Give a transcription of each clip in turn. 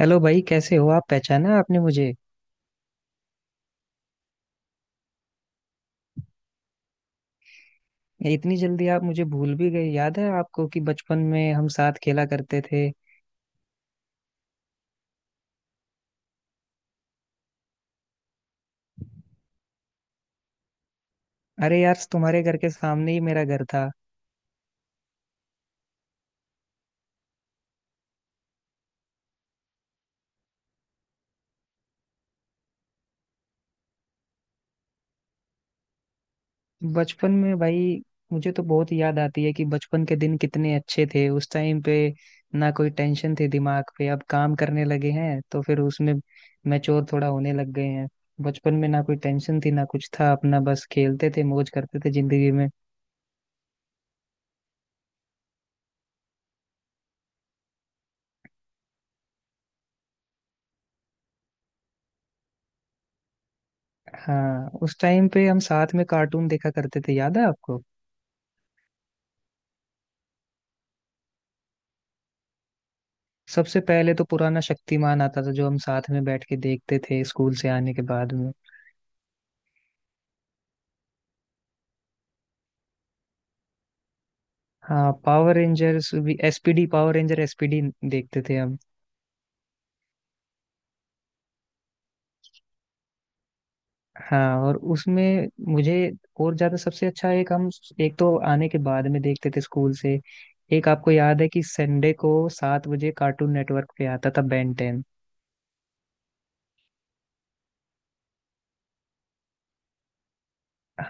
Hello भाई कैसे हो आप। पहचाना आपने मुझे। ये इतनी जल्दी आप मुझे भूल भी गए। याद है आपको कि बचपन में हम साथ खेला करते थे। अरे यार तुम्हारे घर के सामने ही मेरा घर था। बचपन में भाई मुझे तो बहुत याद आती है कि बचपन के दिन कितने अच्छे थे उस टाइम पे। ना कोई टेंशन थी दिमाग पे, अब काम करने लगे हैं तो फिर उसमें मैच्योर थोड़ा होने लग गए हैं। बचपन में ना कोई टेंशन थी ना कुछ था, अपना बस खेलते थे, मौज करते थे जिंदगी में। हाँ, उस टाइम पे हम साथ में कार्टून देखा करते थे, याद है आपको? सबसे पहले तो पुराना शक्तिमान आता था जो हम साथ में बैठ के देखते थे स्कूल से आने के बाद में। हाँ, पावर रेंजर्स भी, एसपीडी, पावर रेंजर एसपीडी देखते थे हम। हाँ, और उसमें मुझे और ज्यादा सबसे अच्छा एक हम, एक तो आने के बाद में देखते थे स्कूल से। एक आपको याद है कि संडे को 7 बजे कार्टून नेटवर्क पे आता था, बेन टेन।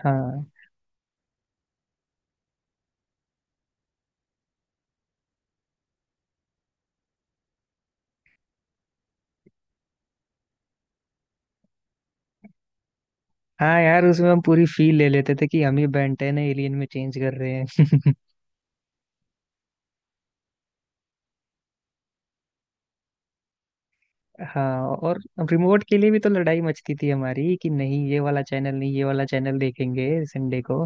हाँ हाँ, यार उसमें हम पूरी फील ले लेते थे कि हम ही बेन टेन है, एलियन में चेंज कर रहे हैं। हाँ, और रिमोट के लिए भी तो लड़ाई मचती थी हमारी कि नहीं ये वाला चैनल, नहीं ये वाला चैनल देखेंगे संडे को।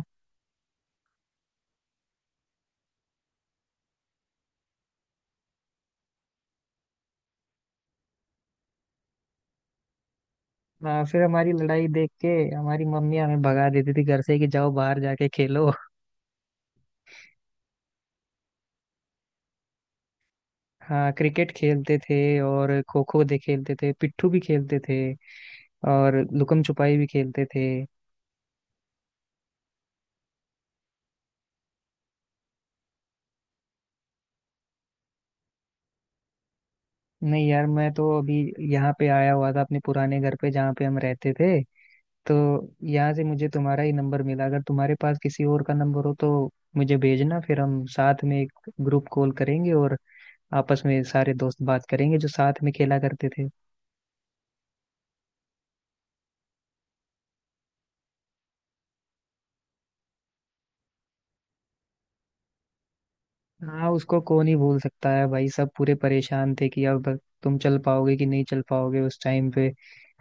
हाँ, फिर हमारी लड़ाई देख के हमारी मम्मी हमें भगा देती थी घर से कि जाओ बाहर जाके खेलो। हाँ, क्रिकेट खेलते थे और खो खो दे खेलते थे, पिट्ठू भी खेलते थे, और लुकम छुपाई भी खेलते थे। नहीं यार, मैं तो अभी यहाँ पे आया हुआ था अपने पुराने घर पे जहाँ पे हम रहते थे, तो यहाँ से मुझे तुम्हारा ही नंबर मिला। अगर तुम्हारे पास किसी और का नंबर हो तो मुझे भेजना, फिर हम साथ में एक ग्रुप कॉल करेंगे और आपस में सारे दोस्त बात करेंगे जो साथ में खेला करते थे। हाँ, उसको कौन ही भूल सकता है भाई। सब पूरे परेशान थे कि अब तुम चल पाओगे कि नहीं चल पाओगे उस टाइम पे।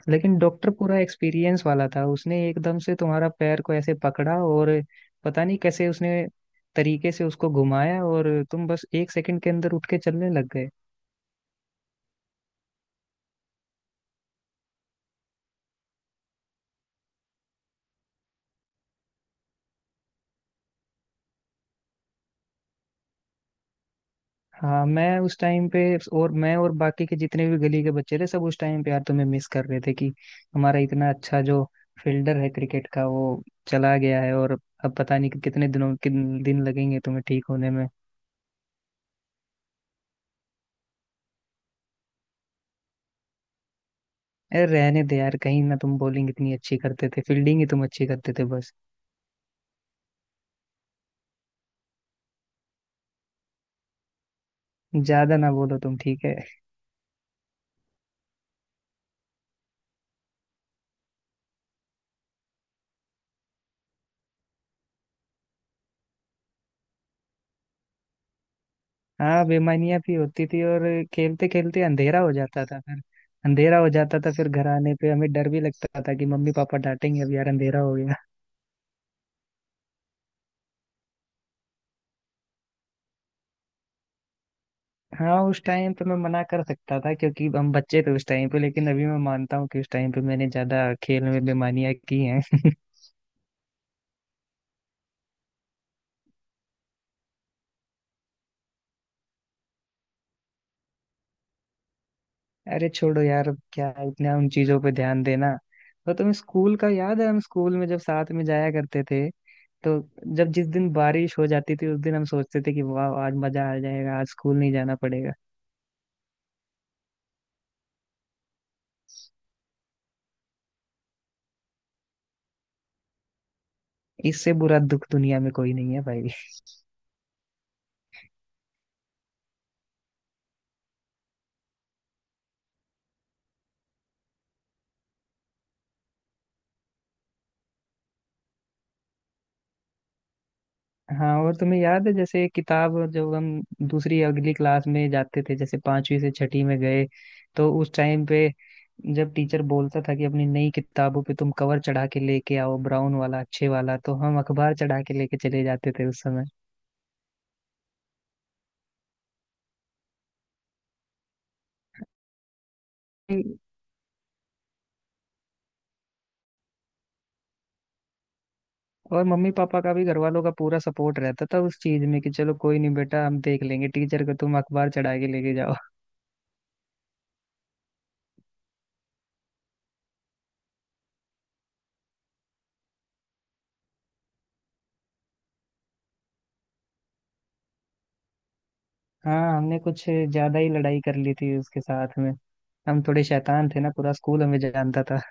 लेकिन डॉक्टर पूरा एक्सपीरियंस वाला था, उसने एकदम से तुम्हारा पैर को ऐसे पकड़ा और पता नहीं कैसे उसने तरीके से उसको घुमाया और तुम बस एक सेकंड के अंदर उठ के चलने लग गए। हाँ, मैं उस टाइम पे और मैं और बाकी के जितने भी गली के बच्चे थे सब उस टाइम पे यार तुम्हें मिस कर रहे थे कि हमारा इतना अच्छा जो फील्डर है क्रिकेट का वो चला गया है, और अब पता नहीं कि कितने दिनों, किन दिन लगेंगे तुम्हें ठीक होने में। अरे रहने दे यार, कहीं ना तुम बॉलिंग इतनी अच्छी करते थे, फील्डिंग ही तुम अच्छी करते थे बस। ज्यादा ना बोलो तुम, ठीक है? हाँ, बेमानियां भी होती थी और खेलते खेलते अंधेरा हो जाता था फिर। घर आने पे हमें डर भी लगता था कि मम्मी पापा डांटेंगे, अब यार अंधेरा हो गया। हाँ उस टाइम पे मैं मना कर सकता था क्योंकि हम बच्चे थे उस टाइम पे, लेकिन अभी मैं मानता हूँ कि उस टाइम पे मैंने ज्यादा खेल में बेमानियां की हैं। अरे छोड़ो यार, अब क्या इतना उन चीजों पे ध्यान देना। तो तुम्हें स्कूल का याद है, हम स्कूल में जब साथ में जाया करते थे तो जब जिस दिन बारिश हो जाती थी उस दिन हम सोचते थे कि वाह, आज मजा आ जाएगा, आज स्कूल नहीं जाना पड़ेगा। इससे बुरा दुख दुनिया में कोई नहीं है भाई। हाँ, और तुम्हें याद है जैसे किताब, जब हम दूसरी अगली क्लास में जाते थे जैसे पांचवी से छठी में गए तो उस टाइम पे जब टीचर बोलता था कि अपनी नई किताबों पे तुम कवर चढ़ा के लेके आओ ब्राउन वाला, अच्छे वाला, तो हम अखबार चढ़ा के लेके चले जाते थे उस समय। और मम्मी पापा का भी, घर वालों का पूरा सपोर्ट रहता था उस चीज में कि चलो कोई नहीं बेटा, हम देख लेंगे टीचर को, तुम अखबार चढ़ा के लेके जाओ। हाँ, हमने कुछ ज्यादा ही लड़ाई कर ली थी उसके साथ में। हम थोड़े शैतान थे ना, पूरा स्कूल हमें जानता था।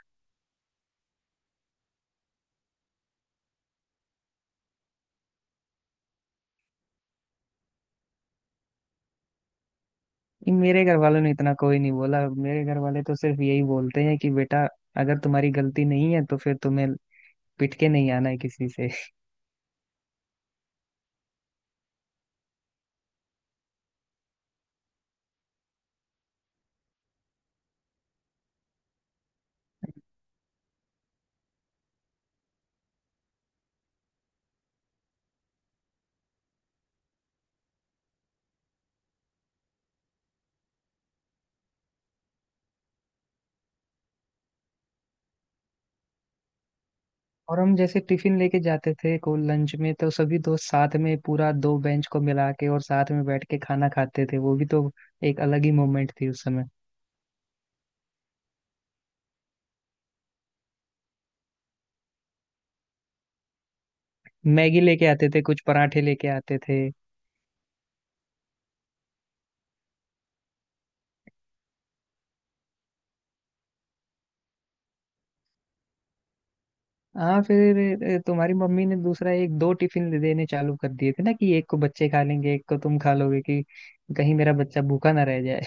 मेरे घर वालों ने इतना कोई नहीं बोला। मेरे घर वाले तो सिर्फ यही बोलते हैं कि बेटा अगर तुम्हारी गलती नहीं है तो फिर तुम्हें पिट के नहीं आना है किसी से। और हम जैसे टिफिन लेके जाते थे को लंच में तो सभी दोस्त साथ में पूरा दो बेंच को मिला के और साथ में बैठ के खाना खाते थे, वो भी तो एक अलग ही मोमेंट थी उस समय। मैगी लेके आते थे, कुछ पराठे लेके आते थे। हाँ फिर तुम्हारी मम्मी ने दूसरा एक दो टिफिन देने चालू कर दिए थे ना कि एक को बच्चे खा लेंगे, एक को तुम खा लोगे, कि कहीं मेरा बच्चा भूखा ना रह जाए।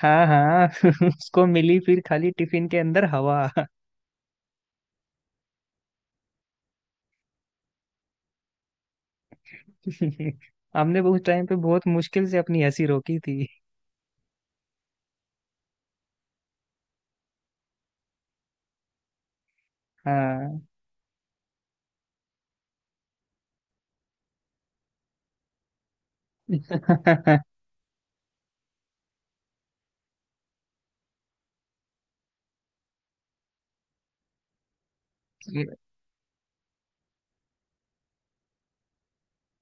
हाँ हाँ। उसको मिली फिर खाली टिफिन के अंदर हवा। हमने उस टाइम पे बहुत मुश्किल से अपनी हंसी रोकी थी। हाँ।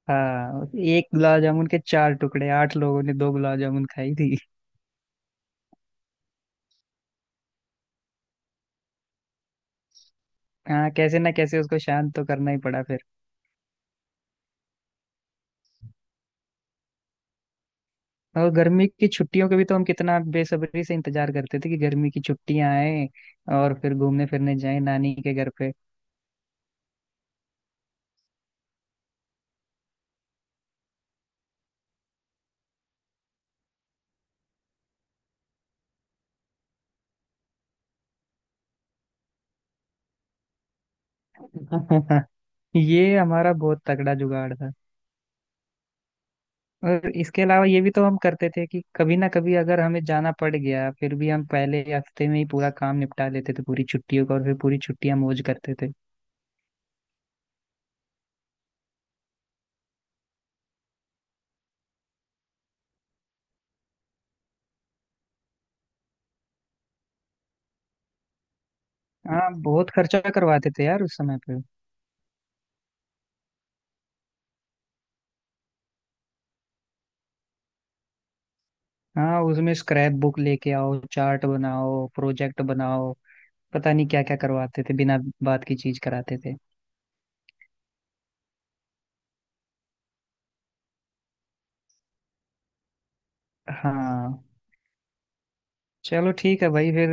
हाँ, एक गुलाब जामुन के चार टुकड़े, आठ लोगों ने दो गुलाब जामुन खाई थी। हाँ, कैसे ना कैसे उसको शांत तो करना ही पड़ा फिर। और गर्मी की छुट्टियों का भी तो हम कितना बेसब्री से इंतजार करते थे कि गर्मी की छुट्टियां आए और फिर घूमने फिरने जाए नानी के घर पे। ये हमारा बहुत तगड़ा जुगाड़। और इसके अलावा ये भी तो हम करते थे कि कभी ना कभी अगर हमें जाना पड़ गया फिर भी हम पहले हफ्ते में ही पूरा काम निपटा लेते थे पूरी छुट्टियों का, और फिर पूरी छुट्टियां मौज करते थे। हाँ, बहुत खर्चा करवाते थे यार उस समय पे। हाँ, उसमें स्क्रैप बुक लेके आओ, चार्ट बनाओ, प्रोजेक्ट बनाओ, पता नहीं क्या क्या करवाते थे, बिना बात की चीज कराते थे। हाँ, चलो ठीक है भाई, फिर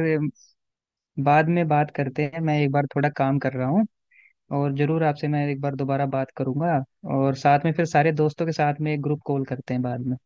बाद में बात करते हैं, मैं एक बार थोड़ा काम कर रहा हूँ। और जरूर आपसे मैं एक बार दोबारा बात करूंगा और साथ में फिर सारे दोस्तों के साथ में एक ग्रुप कॉल करते हैं बाद में।